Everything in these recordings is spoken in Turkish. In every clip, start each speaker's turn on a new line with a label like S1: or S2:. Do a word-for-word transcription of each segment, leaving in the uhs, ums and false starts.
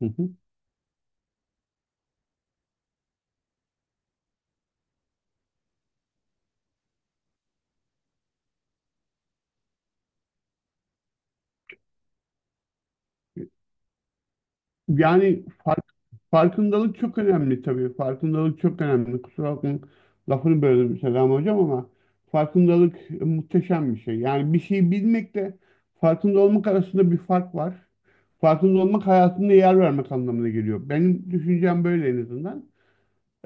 S1: Hı hı. Yani fark, farkındalık çok önemli tabii. Farkındalık çok önemli. Kusura bakmayın lafını böldüm Selam Hocam, ama farkındalık e, muhteşem bir şey. Yani bir şeyi bilmekle farkında olmak arasında bir fark var. Farkında olmak hayatında yer vermek anlamına geliyor. Benim düşüncem böyle en azından.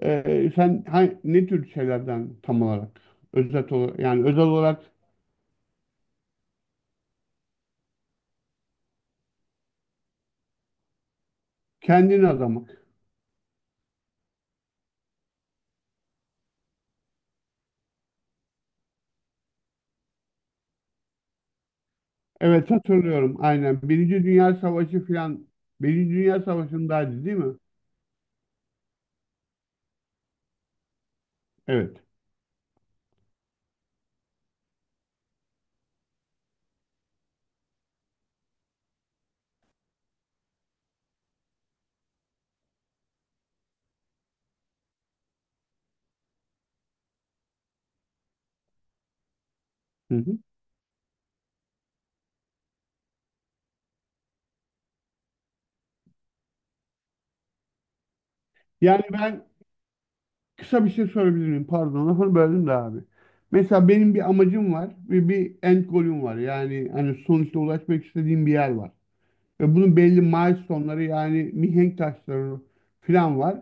S1: Ee, sen ha- ne tür şeylerden tam olarak özet olarak yani özel olarak kendini adamak. Evet, hatırlıyorum aynen. Birinci Dünya Savaşı falan, Birinci Dünya Savaşı'ndaydı değil mi? Evet. Hı hı. Yani ben kısa bir şey sorabilir miyim? Pardon lafını böldüm de abi. Mesela benim bir amacım var ve bir end goal'üm var. Yani hani sonuçta ulaşmak istediğim bir yer var. Ve bunun belli milestone'ları yani mihenk taşları falan var.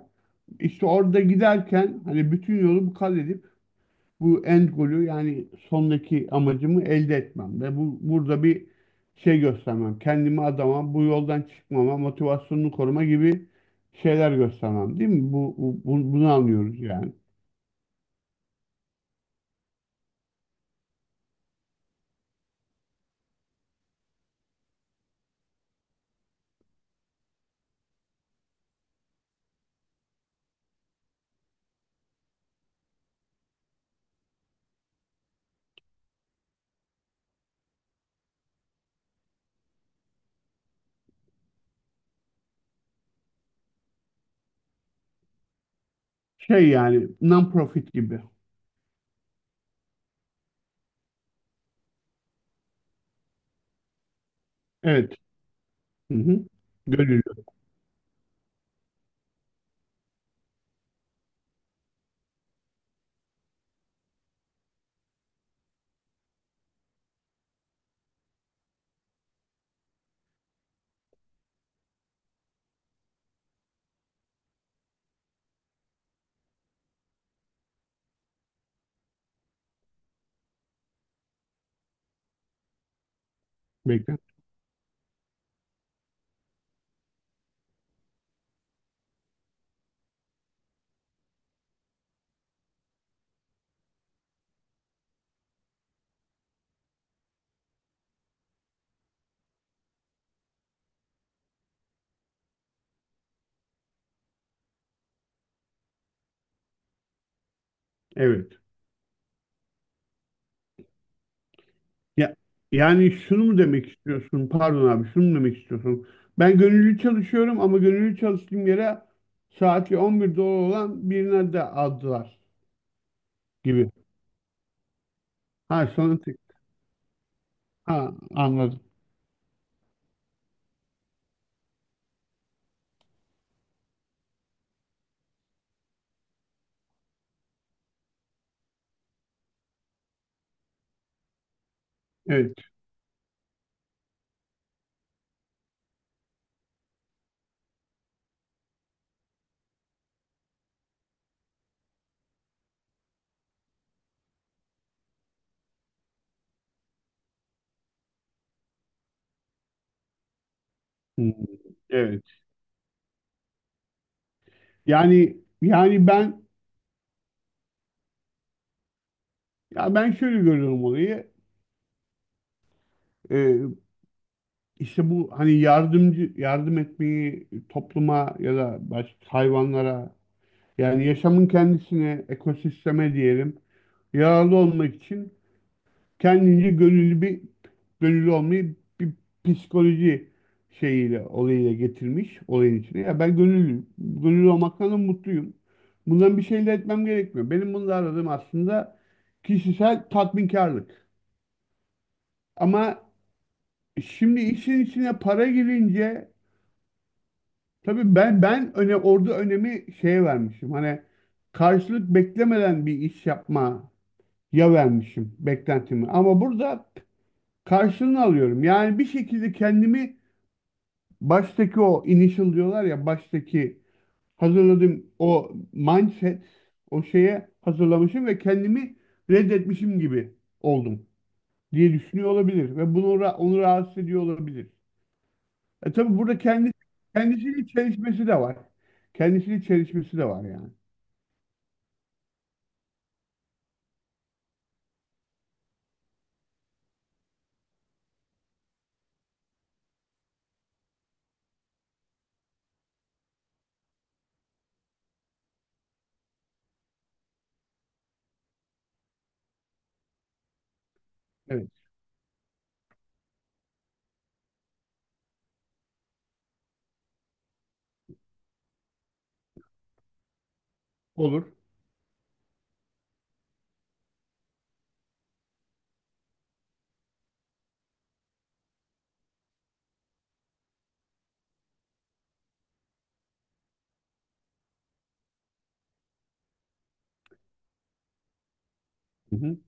S1: İşte orada giderken hani bütün yolu bu kat edip bu end golü yani sondaki amacımı elde etmem ve bu burada bir şey göstermem. Kendimi adama, bu yoldan çıkmama, motivasyonunu koruma gibi şeyler göstermem, değil mi? Bu, bu- bu- bunu anlıyoruz yani. Şey yani non-profit gibi. Evet. Hı hı. Gönüllü. Bekle. Evet. Ya, yani şunu mu demek istiyorsun? Pardon abi, şunu mu demek istiyorsun? Ben gönüllü çalışıyorum ama gönüllü çalıştığım yere saati on bir dolar olan birine de aldılar gibi. Ha, sonra tek- ha anladım. Evet. Hmm, evet. Yani yani ben ya ben şöyle görüyorum olayı. Ee, işte bu hani yardımcı yardım etmeyi topluma ya da başka hayvanlara yani yaşamın kendisine ekosisteme diyelim yararlı olmak için kendince gönüllü bir gönüllü olmayı bir psikoloji şeyiyle olayıyla getirmiş olayın içine. Ya ben gönüllüyüm. Gönüllü olmaktan da mutluyum. Bundan bir şey elde etmem gerekmiyor. Benim bunu aradığım aslında kişisel tatminkarlık. Ama şimdi işin içine para girince tabii ben ben öne orada önemi şeye vermişim. Hani karşılık beklemeden bir iş yapmaya vermişim beklentimi. Ama burada karşılığını alıyorum. Yani bir şekilde kendimi baştaki o initial diyorlar ya baştaki hazırladığım o mindset o şeye hazırlamışım ve kendimi reddetmişim gibi oldum diye düşünüyor olabilir ve bunu ra- onu rahatsız ediyor olabilir. E tabii burada kendi kendisiyle çelişmesi de var. Kendisiyle çelişmesi de var yani. Evet, olur. Hı hı.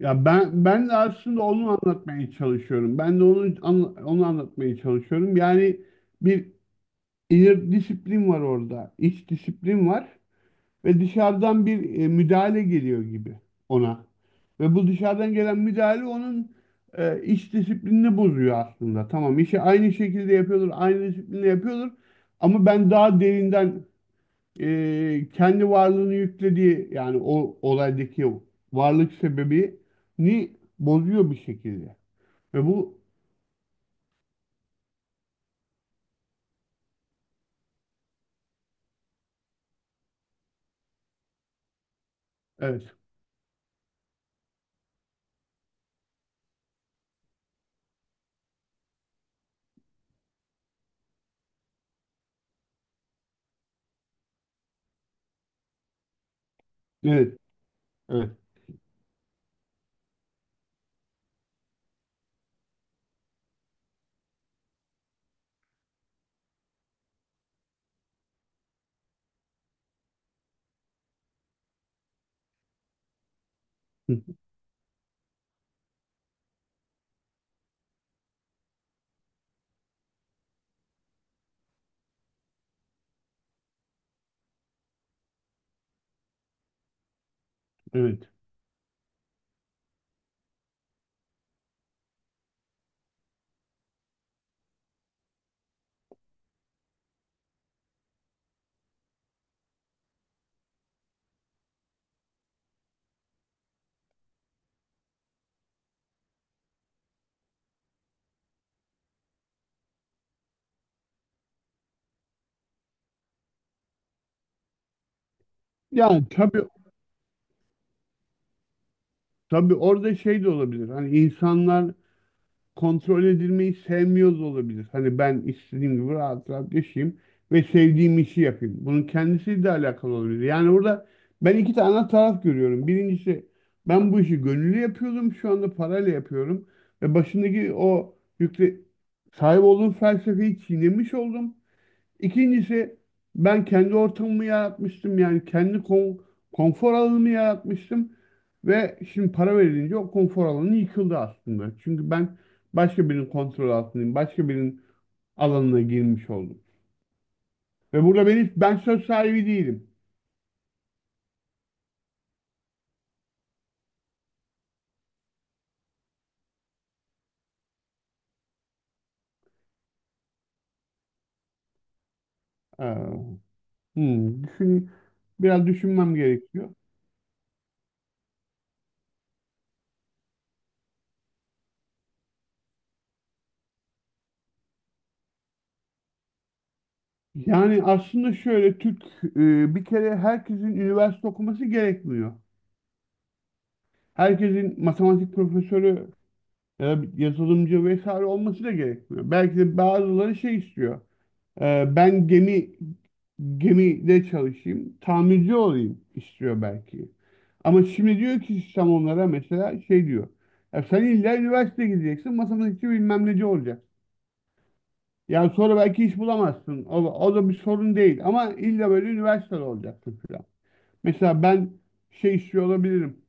S1: Ya ben ben de aslında onu anlatmaya çalışıyorum. Ben de onu anla- onu anlatmaya çalışıyorum. Yani bir inner disiplin var orada. İç disiplin var. Ve dışarıdan bir e, müdahale geliyor gibi ona. Ve bu dışarıdan gelen müdahale onun e, iş disiplinini bozuyor aslında. Tamam, işi aynı şekilde yapıyordur, aynı disiplinle yapıyordur ama ben daha derinden e, kendi varlığını yüklediği yani o olaydaki o varlık sebebini bozuyor bir şekilde. Ve bu Evet, evet, evet, evet. Yani tabii tabii orada şey de olabilir. Hani insanlar kontrol edilmeyi sevmiyoruz olabilir. Hani ben istediğim gibi rahat rahat yaşayayım ve sevdiğim işi yapayım. Bunun kendisiyle de alakalı olabilir. Yani burada ben iki tane taraf görüyorum. Birincisi, ben bu işi gönüllü yapıyordum, şu anda parayla yapıyorum. Ve başındaki o yükle sahip olduğum felsefeyi çiğnemiş oldum. İkincisi, ben kendi ortamımı yaratmıştım yani kendi kon- konfor alanımı yaratmıştım ve şimdi para verilince o konfor alanı yıkıldı aslında. Çünkü ben başka birinin kontrol altındayım, başka birinin alanına girmiş oldum. Ve burada benim ben söz sahibi değilim. Ee, hmm, düşün, biraz düşünmem gerekiyor. Yani aslında şöyle Türk e, bir kere herkesin üniversite okuması gerekmiyor. Herkesin matematik profesörü e, yazılımcı vesaire olması da gerekmiyor. Belki de bazıları şey istiyor. E, ben gemi gemide çalışayım, tamirci olayım istiyor belki. Ama şimdi diyor ki sistem onlara mesela şey diyor. Ya sen illa üniversite gideceksin, matematikçi bilmem neci olacaksın. Yani sonra belki iş bulamazsın. O, o da bir sorun değil. Ama illa böyle üniversitede olacaksın falan. Mesela ben şey istiyor olabilirim.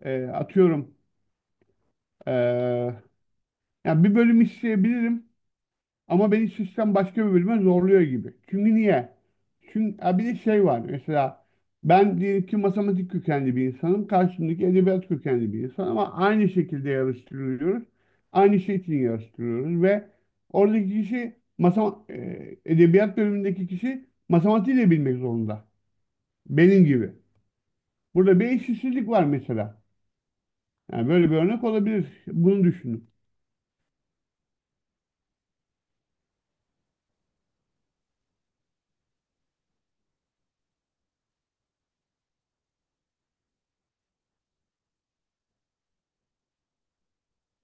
S1: E, atıyorum. E, Ya bir bölüm isteyebilirim. Ama beni sistem başka bir bölüme zorluyor gibi. Çünkü niye? Çünkü ha bir de şey var mesela, ben diyelim ki matematik kökenli bir insanım. Karşımdaki edebiyat kökenli bir insan ama aynı şekilde yarıştırılıyoruz. Aynı şey için yarıştırıyoruz ve oradaki kişi masama, e, edebiyat bölümündeki kişi matematiği de bilmek zorunda. Benim gibi. Burada bir eşitsizlik var mesela. Yani böyle bir örnek olabilir. Bunu düşünün.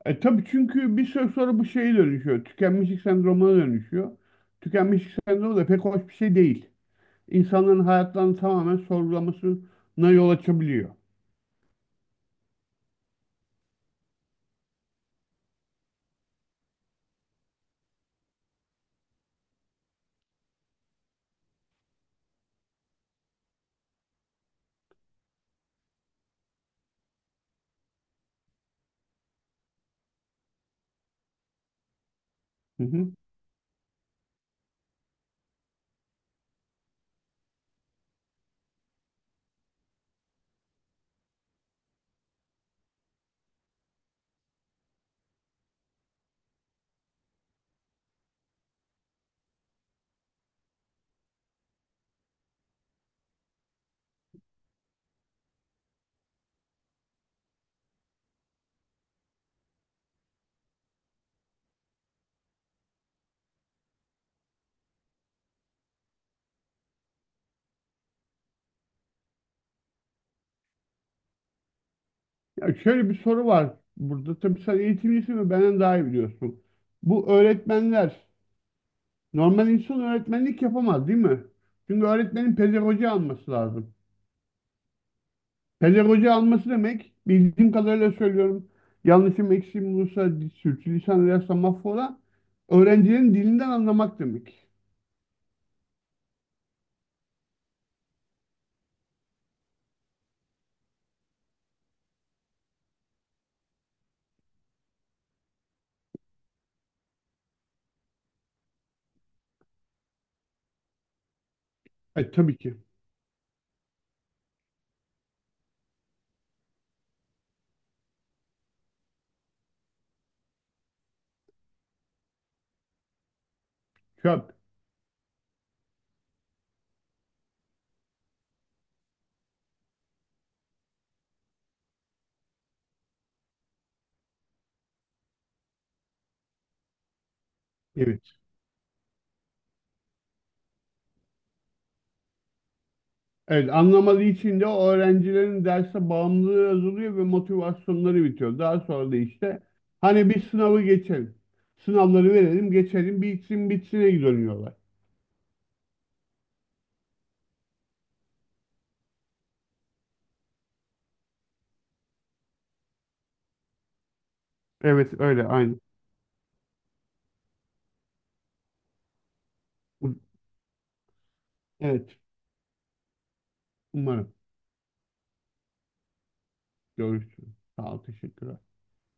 S1: E tabii, çünkü bir süre sonra bu şeye dönüşüyor. Tükenmişlik sendromuna dönüşüyor. Tükenmişlik sendromu da pek hoş bir şey değil. İnsanların hayatlarını tamamen sorgulamasına yol açabiliyor. Hı hı. Ya şöyle bir soru var burada. Tabii sen eğitimcisin ve benden daha iyi biliyorsun. Bu öğretmenler, normal insan öğretmenlik yapamaz değil mi? Çünkü öğretmenin pedagoji alması lazım. Pedagoji alması demek, bildiğim kadarıyla söylüyorum. Yanlışım eksiğim olursa sürçülisan edersem mahvola. Öğrencilerin dilinden anlamak demek. E, tabii ki. Çöp. Evet. Evet, anlamadığı için de o öğrencilerin derse bağımlılığı azalıyor ve motivasyonları bitiyor. Daha sonra da işte hani bir sınavı geçelim. Sınavları verelim geçelim bitsin bitsine dönüyorlar. Evet, öyle aynı. Evet, umarım. Görüşürüz. Sağ ol, teşekkür